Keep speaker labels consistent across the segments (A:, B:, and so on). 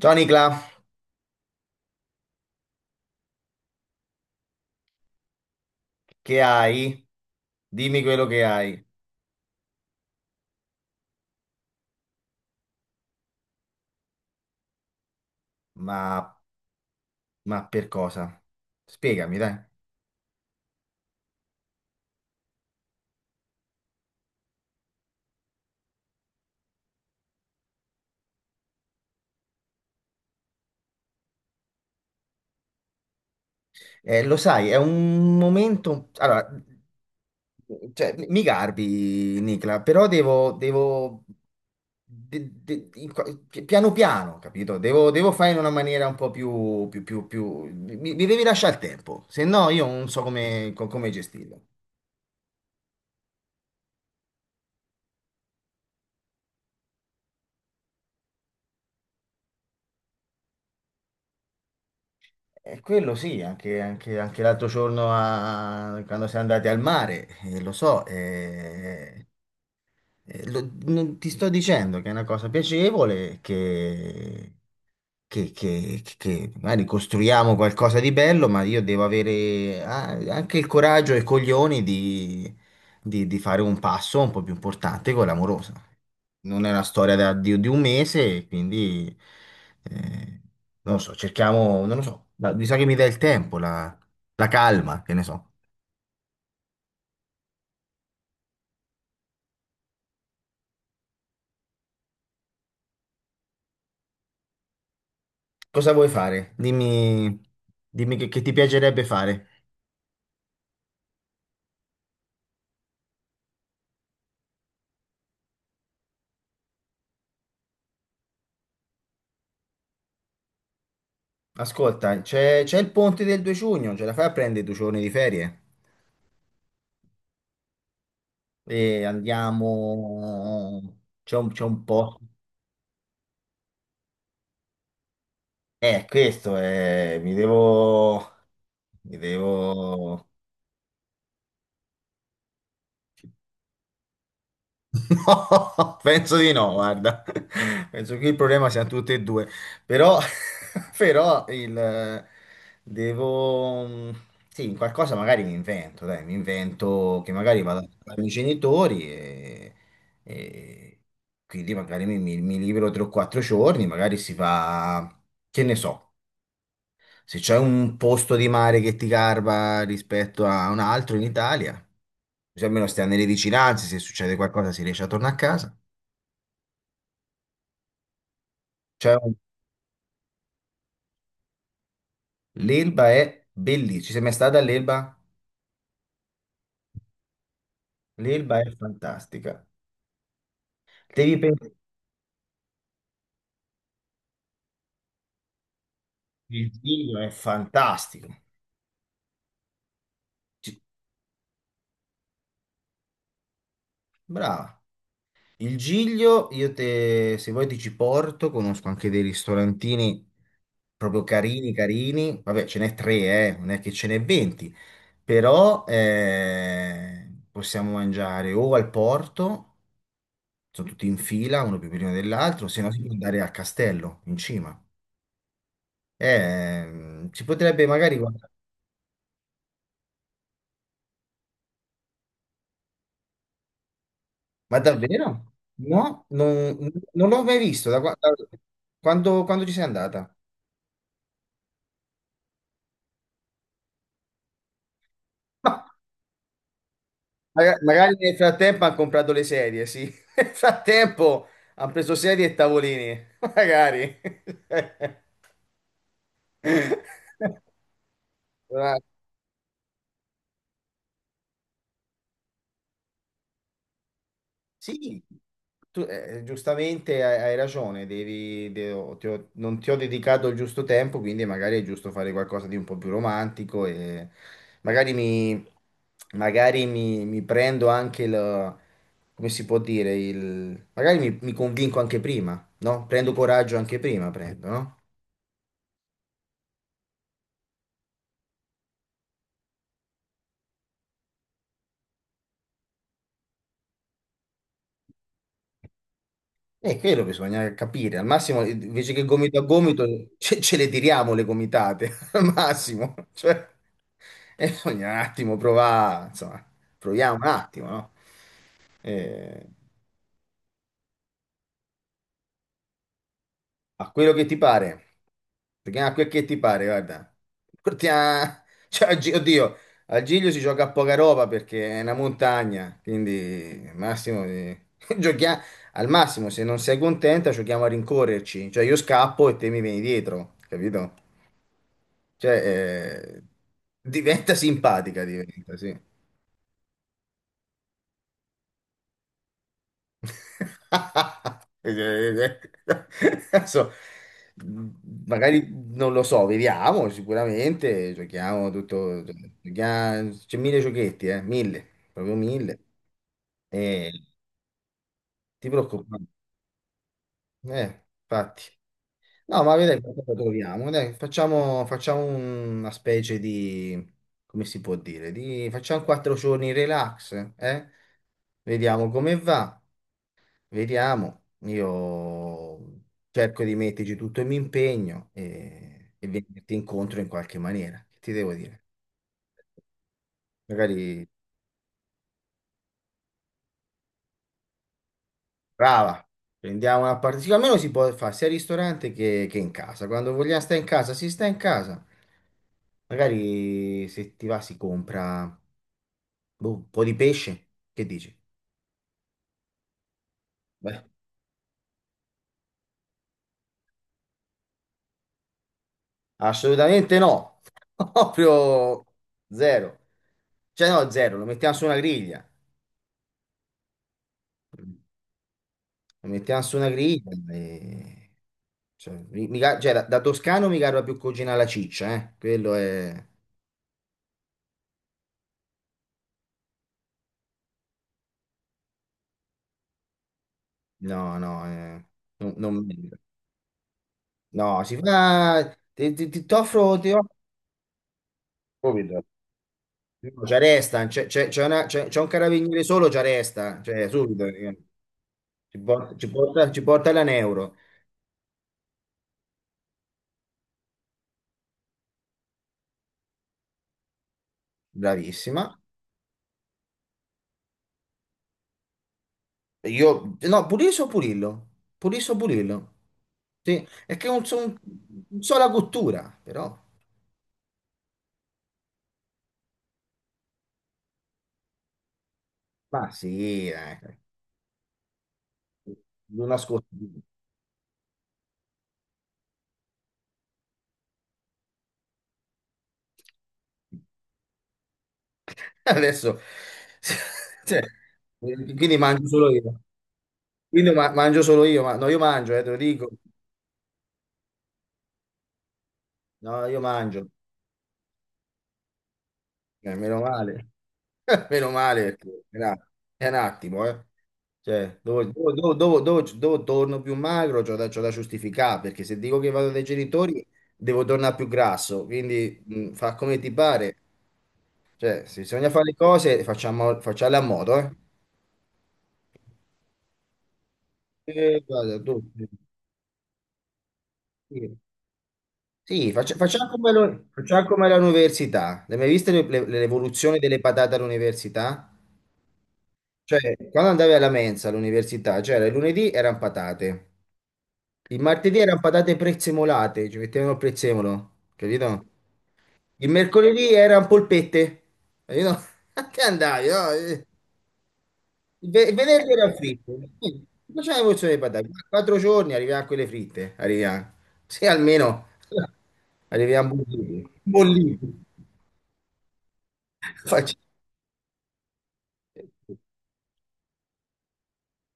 A: Ciao Nicla, che hai? Dimmi quello che hai. Ma, ma per cosa? Spiegami, dai. Lo sai, è un momento. Allora, cioè, mi garbi, Nicla, però devo... devo... de- de- in qua- pi- piano piano, capito? Devo fare in una maniera un po' più. Mi devi lasciare il tempo, se no io non so come, come gestirlo. E quello sì, anche l'altro giorno quando siamo andati al mare, lo so. Ti sto dicendo che è una cosa piacevole, che magari costruiamo qualcosa di bello, ma io devo avere anche il coraggio e i coglioni di fare un passo un po' più importante con l'amorosa. Non è una storia di un mese, quindi eh, non lo so, cerchiamo, non lo so, ma mi sa che mi dà il tempo, la calma, che ne so. Cosa vuoi fare? Dimmi che ti piacerebbe fare. Ascolta, c'è il ponte del 2 giugno, ce la fai a prendere 2 giorni di ferie? E andiamo, c'è un po'. Questo è, mi devo, no, penso di no, guarda, penso che il problema siano tutti e due, però, però il, devo, sì, in qualcosa magari mi invento, dai, mi invento che magari vado dai miei genitori e quindi magari mi, mi libero 3 o 4 giorni, magari si fa, che ne so. Se c'è un posto di mare che ti garba rispetto a un altro in Italia, così almeno stiamo nelle vicinanze, se succede qualcosa si riesce a tornare a casa. C'è un- L'Elba è bellissima. Ci sei mai stata all'Elba? L'Elba è fantastica. Devi pensare, il Giglio è fantastico. Ci- Brava. Il Giglio, io te, se vuoi ti ci porto, conosco anche dei ristorantini proprio carini, carini. Vabbè, ce n'è tre. Non è che ce n'è 20. Però, possiamo mangiare o al porto, sono tutti in fila, uno più prima dell'altro, se no si può andare al castello, in cima. Si potrebbe magari guardare. Ma davvero? No, non l'ho mai visto. Da, qua- da- quando, Quando ci sei andata? Magari nel frattempo hanno comprato le sedie, sì. Nel frattempo hanno preso sedie e tavolini, magari. Una- Sì, tu, giustamente hai ragione, devi, de- ho- ti ho- non ti ho dedicato il giusto tempo, quindi magari è giusto fare qualcosa di un po' più romantico e magari mi, mi prendo anche il, come si può dire, il, mi convinco anche prima, no? Prendo coraggio anche prima, prendo, no? E quello bisogna capire, al massimo invece che gomito a gomito ce le tiriamo le gomitate, al massimo, cioè, e bisogna un attimo provare, insomma, proviamo un attimo, no? Eh, A quello che ti pare, perché a quel che ti pare, guarda. Portia- cioè, oddio, al Giglio si gioca a poca roba perché è una montagna, quindi giochia- al massimo se non sei contenta giochiamo a rincorrerci, cioè io scappo e te mi vieni dietro, capito? Cioè, eh, diventa simpatica, diventa, sì. Eh, eh, Adesso, magari non lo so, vediamo sicuramente, giochiamo tutto, c'è mille giochetti, mille, proprio mille, e ti preoccupare, infatti. No, ma vedrai qualcosa troviamo, dai, facciamo una specie di, come si può dire, di, facciamo 4 giorni relax, eh? Vediamo come va. Vediamo, io cerco di metterci tutto il mio impegno e venirti incontro in qualche maniera. Che ti devo dire? Magari, brava, prendiamo una parte. Sì, almeno si può fare sia al ristorante che in casa. Quando vogliamo stare in casa, si sta in casa. Magari se ti va si compra boh, un po' di pesce. Che dici? Beh, assolutamente no. Proprio zero. Cioè no, zero, lo mettiamo su una griglia. La mettiamo su una griglia cioè, cioè, da toscano mi garba più cucina alla ciccia, eh. Quello è... No, no. Non, non- no, si fa... Ti t'offro... Ti offro subito. No, ci arresta, c'è un carabiniere solo, ci arresta, cioè subito, eh. Ci porta, ci porta, ci porta la Neuro. Bravissima. Io... No, Puliso o Purillo? Puliso o Purillo? Sì, è che è un sola cottura, però. Ma sì, non nascosto. Adesso, cioè, quindi mangio solo io. Quindi mangio solo io, ma no, io mangio, te lo dico. No, io mangio. Meno male. Meno male, perché è un attimo, eh. Cioè, dove torno più magro, c'ho da giustificare, perché se dico che vado dai genitori, devo tornare più grasso, quindi fa come ti pare. Cioè, se bisogna fare le cose, facciamo, facciamole a modo, eh. Guarda, sì, sì, facciamo come, facciamo come all'università. L'hai mai vista l'evoluzione delle patate all'università? Cioè, quando andavi alla mensa all'università, c'era il lunedì erano patate, il martedì erano patate prezzemolate, ci mettevano il prezzemolo, capito? Il mercoledì erano polpette, capito? A che andavi, no? Il venerdì era fritto. Quindi, facciamo la porzione di patate. Quattro giorni arriviamo a quelle fritte. Arriviamo. Se almeno arriviamo bolliti. Bolliti. Facci-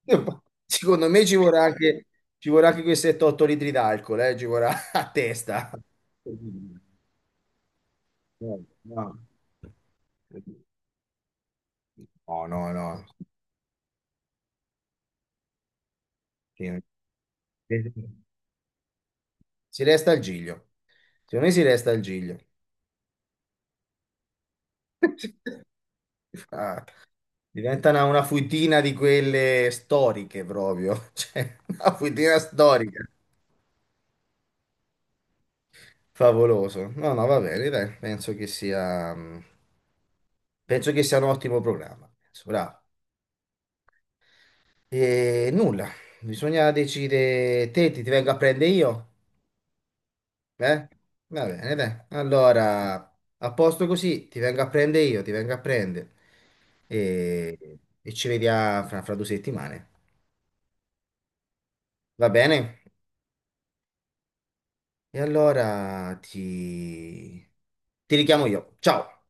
A: Secondo me ci vorrà anche, quei 7-8 litri d'alcol, ci vorrà a testa. No, no. No, no, no. Si si resta al Giglio. Secondo me si resta al Giglio. Ah, diventa una fuitina di quelle storiche proprio, cioè una fuitina storica. Favoloso. No, no, va bene, dai, penso che sia un ottimo programma. Penso, bravo. E nulla, bisogna decidere, te ti vengo a prendere io? Eh? Va bene, dai. Allora, a posto così, ti vengo a prendere io, ti vengo a prendere. E ci vediamo fra 2 settimane. Va bene? E allora ti richiamo io. Ciao!